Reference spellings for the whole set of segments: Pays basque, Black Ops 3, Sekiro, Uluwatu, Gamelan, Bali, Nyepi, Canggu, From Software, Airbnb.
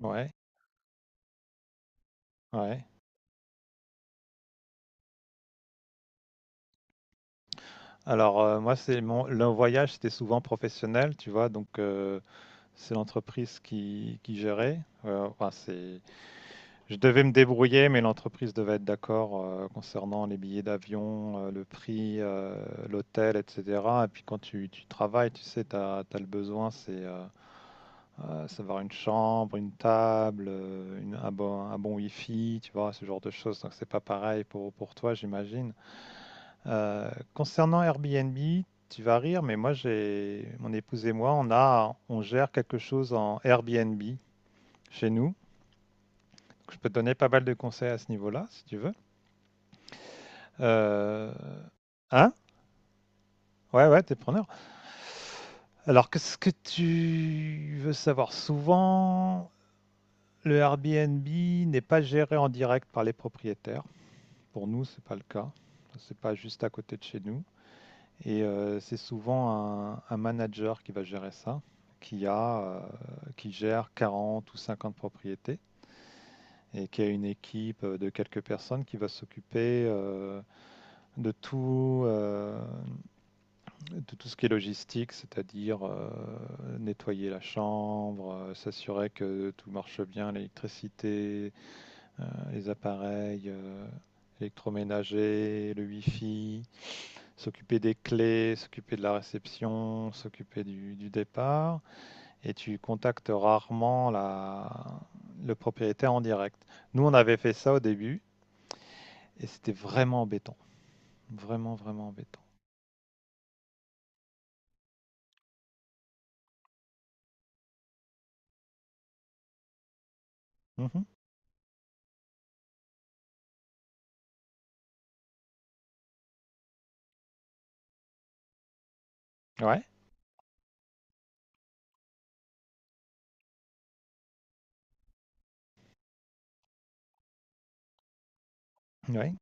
Ouais, ouais. Alors, moi, c'est mon le voyage, c'était souvent professionnel, tu vois? Donc, c'est l'entreprise qui gérait. Enfin, c'est je devais me débrouiller, mais l'entreprise devait être d'accord, concernant les billets d'avion, le prix, l'hôtel, et cetera. Et puis quand tu travailles, tu sais, tu as le besoin, savoir une chambre, une table, une un bon wifi, tu vois? Ce genre de choses. Donc c'est pas pareil pour toi, j'imagine. Concernant Airbnb, tu vas rire, mais moi, mon épouse et moi, on gère quelque chose en Airbnb chez nous. Je peux te donner pas mal de conseils à ce niveau-là, si tu veux. Euh, hein? Ouais, ouais, t'es preneur. Alors, qu'est-ce que tu veux savoir? Souvent, le Airbnb n'est pas géré en direct par les propriétaires. Pour nous, c'est pas le cas. C'est pas juste à côté de chez nous. Et c'est souvent un manager qui va gérer ça, qui a, euh, qui gère 40 ou 50 propriétés et qui a une équipe de quelques personnes qui va s'occuper de tout, euh, de tout ce qui est logistique, c'est-à-dire nettoyer la chambre, s'assurer que tout marche bien, l'électricité, les appareils électroménagers, le wifi, s'occuper des clés, s'occuper de la réception, s'occuper du départ, et tu contactes rarement le propriétaire en direct. Nous, on avait fait ça au début, et c'était vraiment embêtant. Vraiment, vraiment embêtant. Mhm. Ouais, ouais,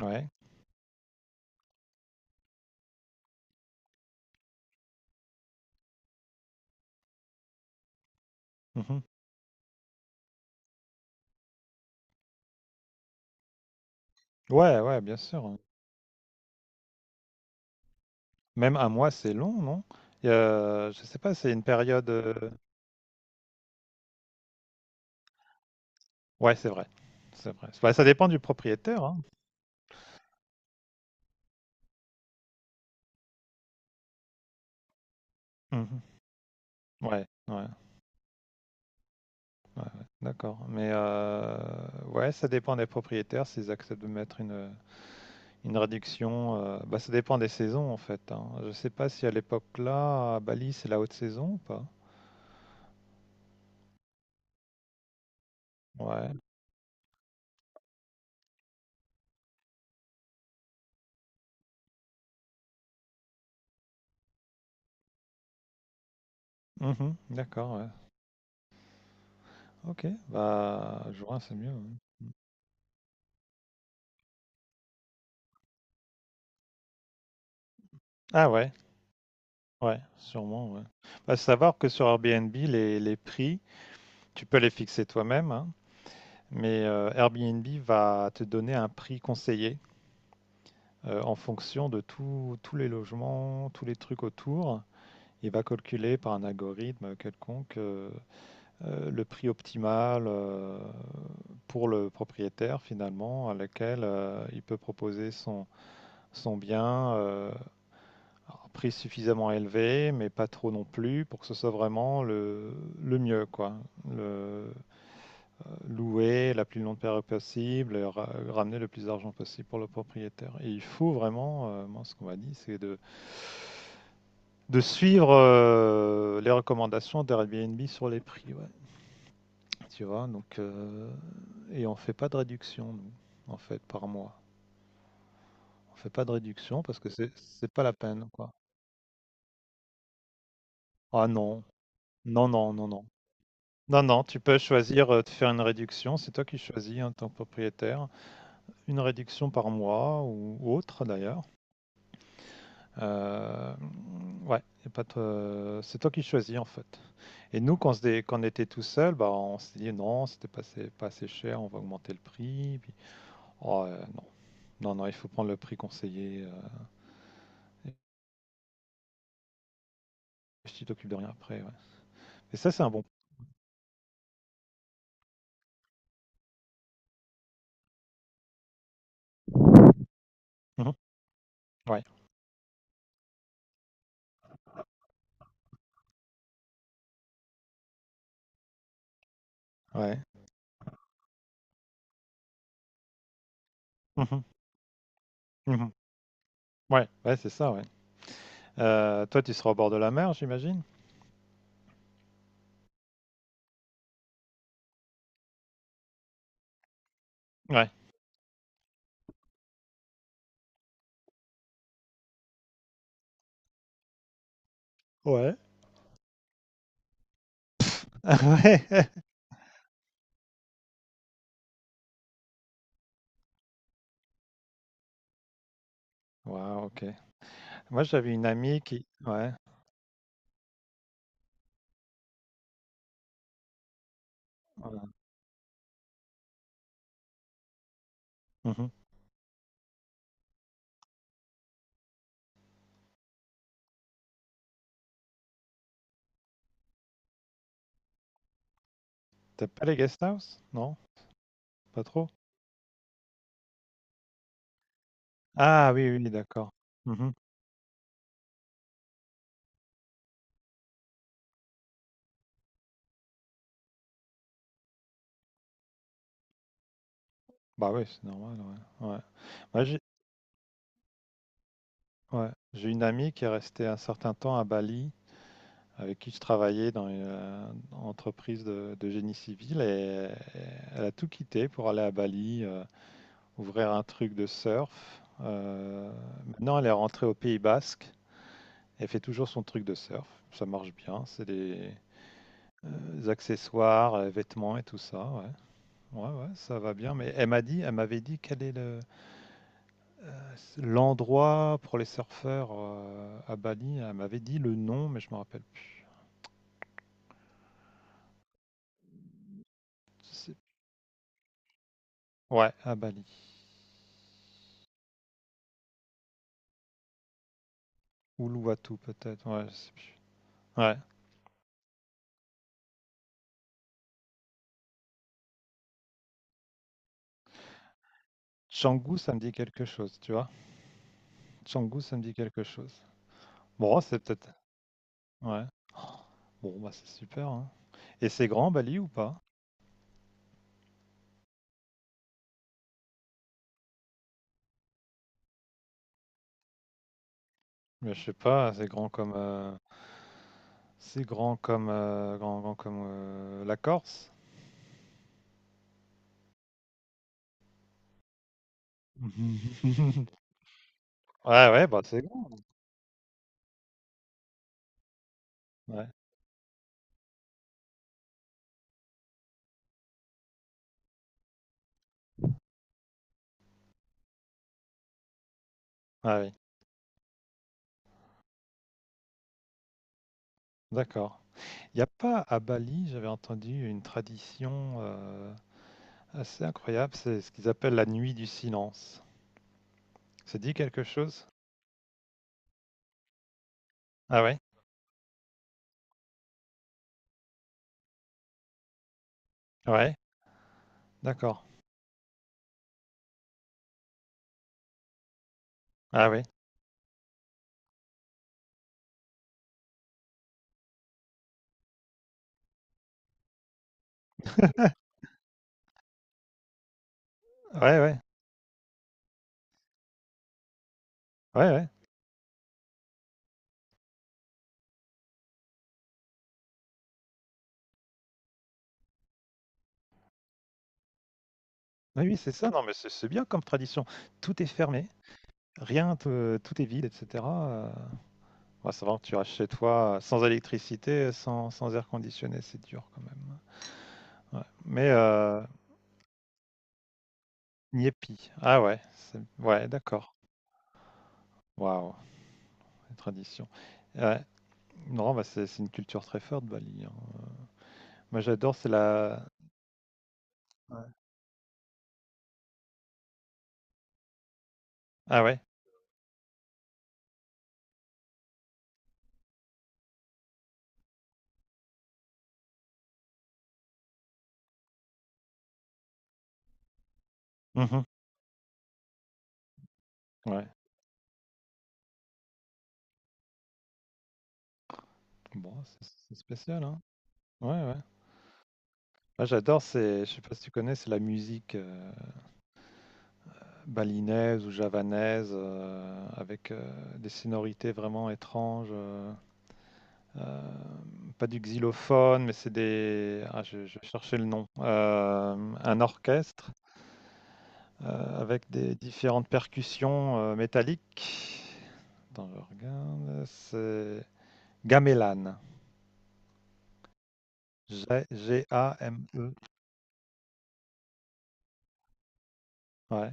ouais. Mhm. Ouais, ouais, bien sûr. Même un mois, c'est long, non? Et, je sais pas, c'est une période. Ouais, c'est vrai. C'est vrai. Bah, ça dépend du propriétaire, hein. Mhm. Ouais, ouais. Ouais, ouais, d'accord. Mais ouais, ça dépend des propriétaires, s'ils acceptent de mettre une réduction. Bah, ça dépend des saisons en fait, hein. Je sais pas si à l'époque là, à Bali, c'est la haute saison ou pas. Ouais. Mhm, d'accord, ouais. Ok. Bah, juin, c'est mieux, ouais. Ah ouais, ouais, sûrement, ouais. Bah, savoir que sur Airbnb, les prix, tu peux les fixer toi-même, hein, mais Airbnb va te donner un prix conseillé en fonction de tous les logements, tous les trucs autour. Il va calculer par un algorithme quelconque le prix optimal pour le propriétaire finalement à laquelle il peut proposer son bien à un prix suffisamment élevé mais pas trop non plus pour que ce soit vraiment le mieux quoi. Le, louer la plus longue période possible, et ramener le plus d'argent possible pour le propriétaire. Et il faut vraiment, moi ce qu'on m'a dit c'est de suivre les recommandations d'Airbnb sur les prix, ouais. Tu vois, donc et on fait pas de réduction, nous, en fait, par mois. On fait pas de réduction parce que c'est pas la peine, quoi. Ah non, non, non, non, non. Non, non, tu peux choisir de faire une réduction, c'est toi qui choisis en tant que propriétaire, une réduction par mois ou autre d'ailleurs. Euh, ouais, y a pas de- c'est toi qui choisis en fait. Et nous, quand on était tout seul, bah, on s'est dit non, c'était pas assez, pas assez cher, on va augmenter le prix. Puis, oh, non, non, non, il faut prendre le prix conseillé, et tu t'occupes de rien après, ouais. Et ça, c'est un bon. Mhm. Ouais, ouais. Mhm. Mhm. Ouais, ouais, c'est ça, ouais. Toi, tu seras au bord de la mer, j'imagine? Ouais. Ouais. Ouais. Wow, ok. Moi, j'avais une amie qui. Ouais. Voilà. Mhm. T'as pas les guest house? Non? Pas trop? Ah oui, oui, d'accord. Mmh. Bah oui, c'est normal, ouais. Ouais. Moi j'ai ouais, j'ai une amie qui est restée un certain temps à Bali, avec qui je travaillais dans une, entreprise de génie civil et et elle a tout quitté pour aller à Bali, ouvrir un truc de surf. Heu, Maintenant elle est rentrée au Pays basque, elle fait toujours son truc de surf, ça marche bien, c'est des, accessoires, vêtements et tout ça, ouais. Ouais, ouais, ça va bien, mais elle m'avait dit quel est le l'endroit pour les surfeurs, à Bali, elle m'avait dit le nom, mais je me rappelle plus. C'est Ouais, à Bali. Uluwatu peut-être, ouais, je sais plus. Ouais. Canggu, ça me dit quelque chose, tu vois? Canggu, ça me dit quelque chose. Bon, c'est peut-être Ouais. Oh, Bon, bah, c'est super, hein. Et c'est grand Bali ou pas? Mais je sais pas, c'est grand comme, grand grand comme, la Corse? Ouais, ouais, bah, c'est grand, ouais. Ah oui, d'accord. Il n'y a pas à Bali, j'avais entendu une tradition assez incroyable, c'est ce qu'ils appellent la nuit du silence. Ça dit quelque chose? Ah ouais? Ouais, d'accord. Ah ouais. Ouais, ouais, ouais, ouais. Oui, oui, c'est ça. Non, mais c'est bien comme tradition. Tout est fermé, rien, tout est vide, etc. Ouais, ça va, tu restes chez toi sans électricité, sans air conditionné, c'est dur quand même. Ouais. Mais Nyepi, ah ouais, ouais, d'accord. Waouh, une tradition. Ouais. Non, bah, c'est une culture très forte, Bali, hein. Moi, j'adore, c'est la Ouais. Ah ouais? Mmh. Ouais. Bon, c'est spécial, hein. Ouais, ouais. Moi, j'adore, c'est je sais pas si tu connais, c'est la musique, balinaise ou javanaise, avec, des sonorités vraiment étranges, pas du xylophone, mais je vais le nom. Un orchestre, avec des différentes percussions, métalliques. Attends, je regarde, c'est Gamelan. G-A-M-E. Ouais.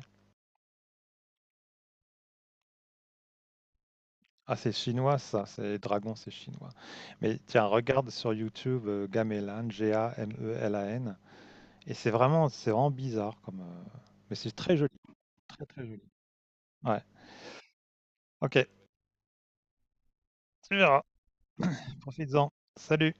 Ah, c'est chinois, ça. C'est dragon, c'est chinois. Mais tiens, regarde sur YouTube Gamelan, Gamelan. Et c'est vraiment bizarre comme, mais c'est très joli. Très, très joli. Ouais. Ok. Tu verras. Profites-en. Salut.